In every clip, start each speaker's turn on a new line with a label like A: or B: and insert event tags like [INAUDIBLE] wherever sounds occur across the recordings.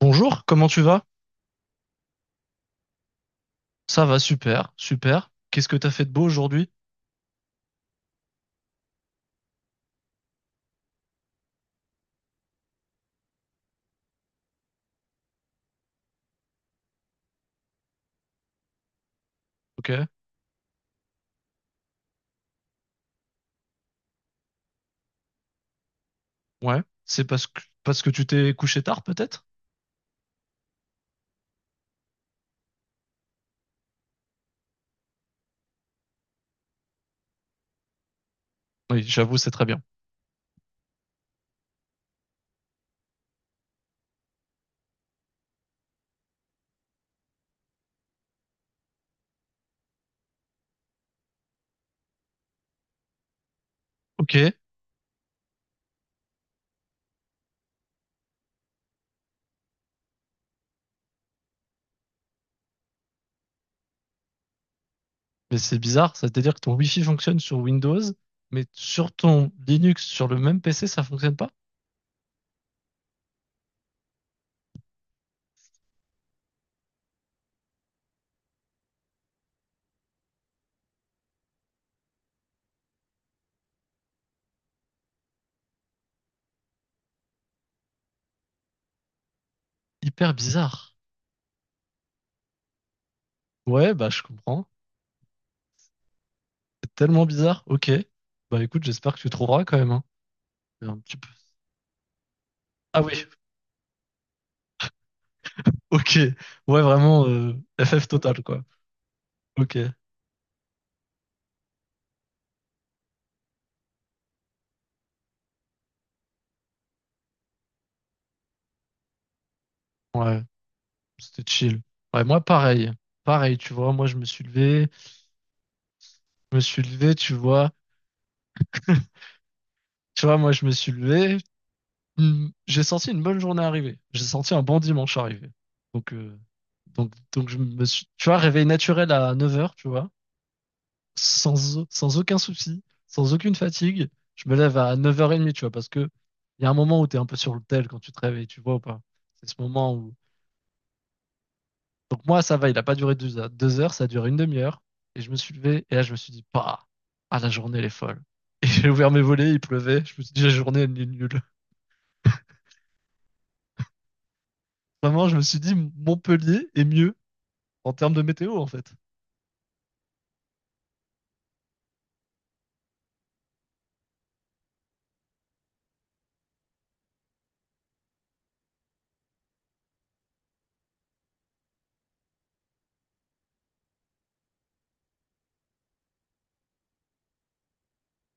A: Bonjour, comment tu vas? Ça va, super, super. Qu'est-ce que t'as fait de beau aujourd'hui? Ok, ouais. C'est parce que tu t'es couché tard, peut-être? Oui, j'avoue, c'est très bien. Ok, mais c'est bizarre, ça veut dire que ton Wi-Fi fonctionne sur Windows, mais sur ton Linux, sur le même PC, ça fonctionne pas? Hyper bizarre. Ouais, bah je comprends. C'est tellement bizarre. Ok. Bah écoute, j'espère que tu trouveras quand même, hein. Un petit peu. Ah oui. Ok, ouais, vraiment FF total, quoi. Ok, ouais, c'était chill. Ouais, moi, pareil. Pareil, tu vois, moi, je me suis levé, tu vois. [LAUGHS] Tu vois, moi, je me suis levé, hmm, j'ai senti une bonne journée arriver. J'ai senti un bon dimanche arriver. Donc, euh, donc, je me suis, tu vois, réveil naturel à 9h, tu vois, sans, sans aucun souci, sans aucune fatigue. Je me lève à 9h30, tu vois, parce que il y a un moment où tu es un peu sur le tel quand tu te réveilles, tu vois ou pas? C'est ce moment où donc moi, ça va, il n'a pas duré 2 heures. 2 heures, ça a duré une demi-heure. Et je me suis levé, et là, je me suis dit, bah, ah, la journée, elle est folle. [LAUGHS] Et j'ai ouvert mes volets, il pleuvait. Je me suis dit, la journée, elle est nulle. Vraiment, je me suis dit, Montpellier est mieux en termes de météo, en fait.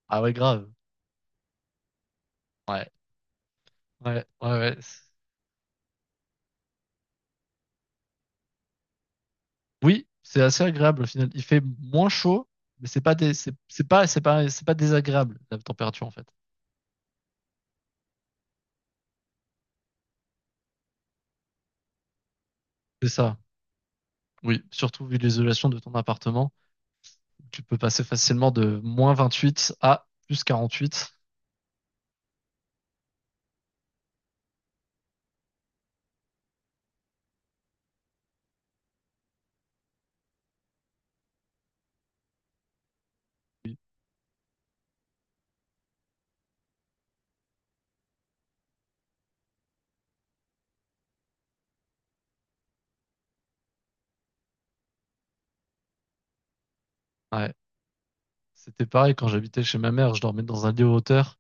A: Ah ouais, grave. Ouais, ouais, ouais, ouais. Oui, c'est assez agréable, au final. Il fait moins chaud, mais c'est pas des, c'est pas, c'est pas, c'est pas désagréable, la température, en fait. C'est ça. Oui, surtout vu l'isolation de ton appartement. Tu peux passer facilement de moins 28 à plus 48. Ouais, c'était pareil quand j'habitais chez ma mère, je dormais dans un lit en hauteur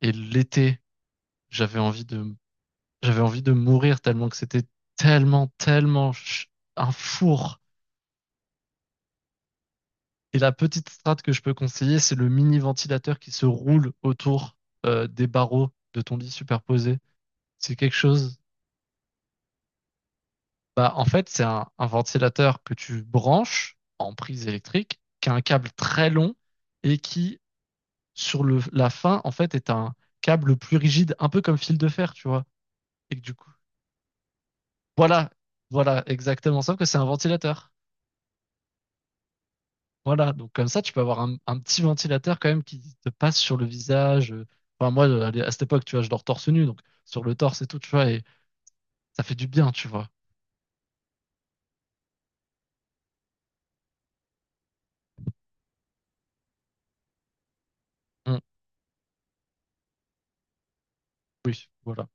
A: et l'été, j'avais envie de j'avais envie de mourir tellement que c'était tellement tellement ch- un four. Et la petite strate que je peux conseiller, c'est le mini ventilateur qui se roule autour des barreaux de ton lit superposé. C'est quelque chose. Bah, en fait, c'est un ventilateur que tu branches en prise électrique, qui a un câble très long et qui, sur la fin, en fait, est un câble plus rigide, un peu comme fil de fer, tu vois. Et que du coup, voilà, voilà, exactement. Sauf que c'est un ventilateur. Voilà, donc comme ça, tu peux avoir un petit ventilateur quand même qui te passe sur le visage. Enfin, moi, à cette époque, tu vois, je dors torse nu, donc sur le torse et tout, tu vois, et ça fait du bien, tu vois. Hum, oui, voilà.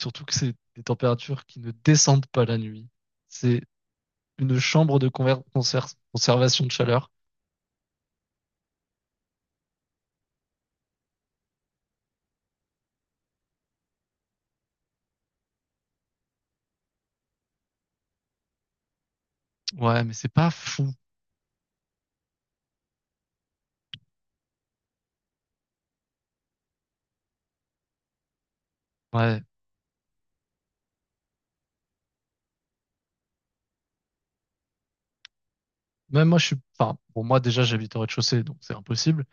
A: Surtout que c'est des températures qui ne descendent pas la nuit. C'est une chambre de conservation de chaleur. Ouais, mais c'est pas fou. Ouais. Même moi, je suis, enfin, bon, moi, déjà, j'habite au rez-de-chaussée, donc c'est impossible.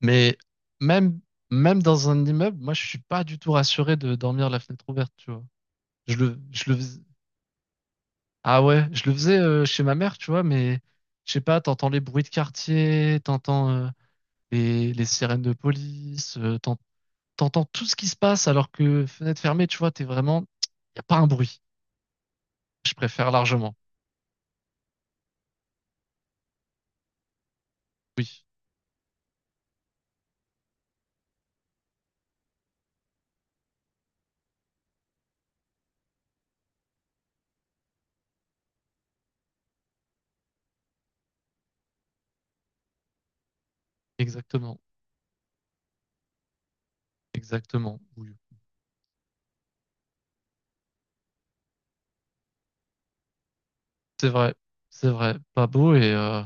A: Mais même, même dans un immeuble, moi, je suis pas du tout rassuré de dormir la fenêtre ouverte, tu vois. Je le, je le fais- Ah ouais, je le faisais chez ma mère, tu vois, mais je sais pas, t'entends les bruits de quartier, t'entends les sirènes de police, t'entends tout ce qui se passe alors que fenêtre fermée, tu vois, t'es vraiment... Y a pas un bruit. Je préfère largement. Oui, exactement. Exactement. Oui. C'est vrai. C'est vrai. Pas beau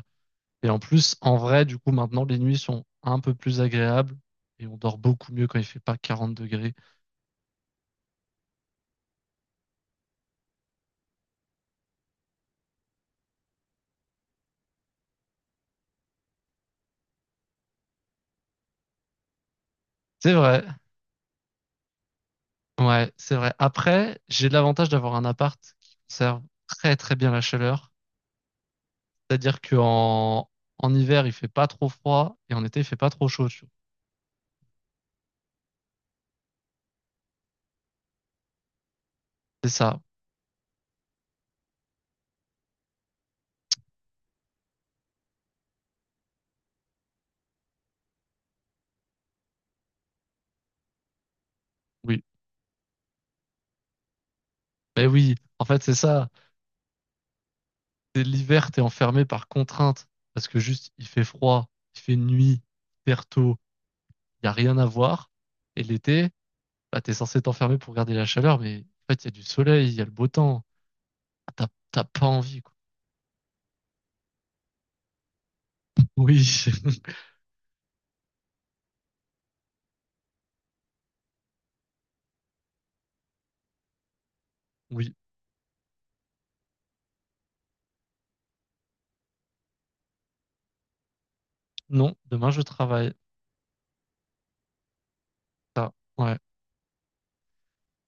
A: et en plus, en vrai, du coup, maintenant, les nuits sont un peu plus agréables et on dort beaucoup mieux quand il fait pas 40 degrés. C'est vrai. Ouais, c'est vrai. Après, j'ai l'avantage d'avoir un appart qui conserve très très bien la chaleur. C'est-à-dire qu'en En hiver, il fait pas trop froid et en été, il fait pas trop chaud. Tu vois. C'est ça. Oui. Ben oui, en fait, c'est ça. C'est l'hiver, t'es enfermé par contrainte parce que juste il fait froid, il fait nuit, hyper tôt, il y a rien à voir. Et l'été, bah t'es censé t'enfermer pour garder la chaleur, mais en fait, il y a du soleil, il y a le beau temps. Ah, t'as pas envie, quoi. Oui. [LAUGHS] Oui. Non, demain je travaille. Ça, ouais.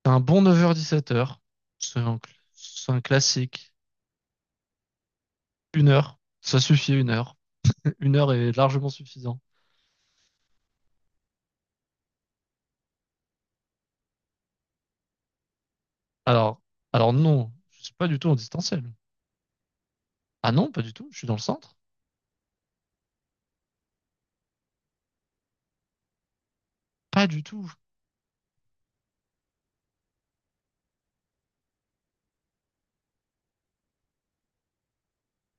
A: C'est un bon 9h-17h. C'est un, c'est un classique. Une heure. Ça suffit une heure. [LAUGHS] Une heure est largement suffisant. Alors, alors non, je suis pas du tout en distanciel. Ah non, pas du tout. Je suis dans le centre. Pas du tout.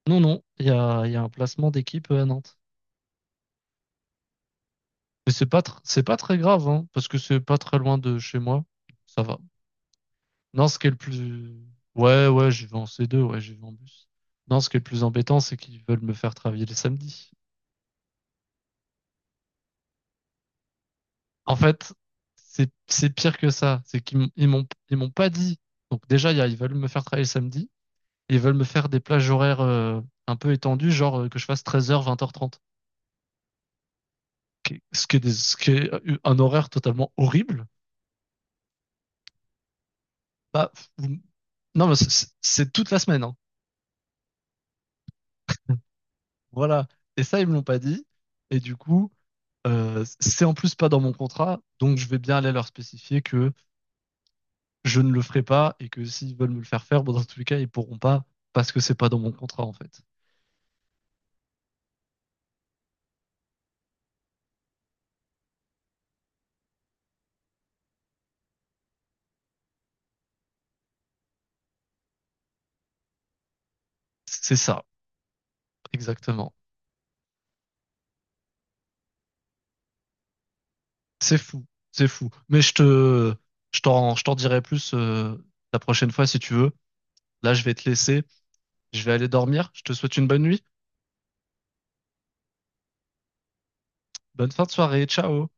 A: Non, non. Il y a un placement d'équipe à Nantes. Mais c'est pas, c'est pas très grave, hein, parce que c'est pas très loin de chez moi. Ça va. Non, ce qui est le plus, ouais, ouais, j'y vais en C2, ouais, j'y vais en bus. Non, ce qui est le plus embêtant, c'est qu'ils veulent me faire travailler les samedis. En fait, c'est pire que ça. C'est qu'ils ils m'ont pas dit. Donc déjà, ils veulent me faire travailler le samedi. Et ils veulent me faire des plages horaires un peu étendues, que je fasse 13h, 20h30. Ce qui est, ce qui est un horaire totalement horrible. Bah, vous- non, mais c'est toute la semaine. Hein. Voilà. Et ça, ils me l'ont pas dit. Et du coup, c'est en plus pas dans mon contrat. Donc je vais bien aller leur spécifier que je ne le ferai pas et que s'ils veulent me le faire faire, bon, dans tous les cas, ils pourront pas parce que c'est pas dans mon contrat, en fait. C'est ça, exactement. C'est fou, c'est fou. Mais je t'en dirai plus la prochaine fois si tu veux. Là, je vais te laisser. Je vais aller dormir. Je te souhaite une bonne nuit. Bonne fin de soirée. Ciao.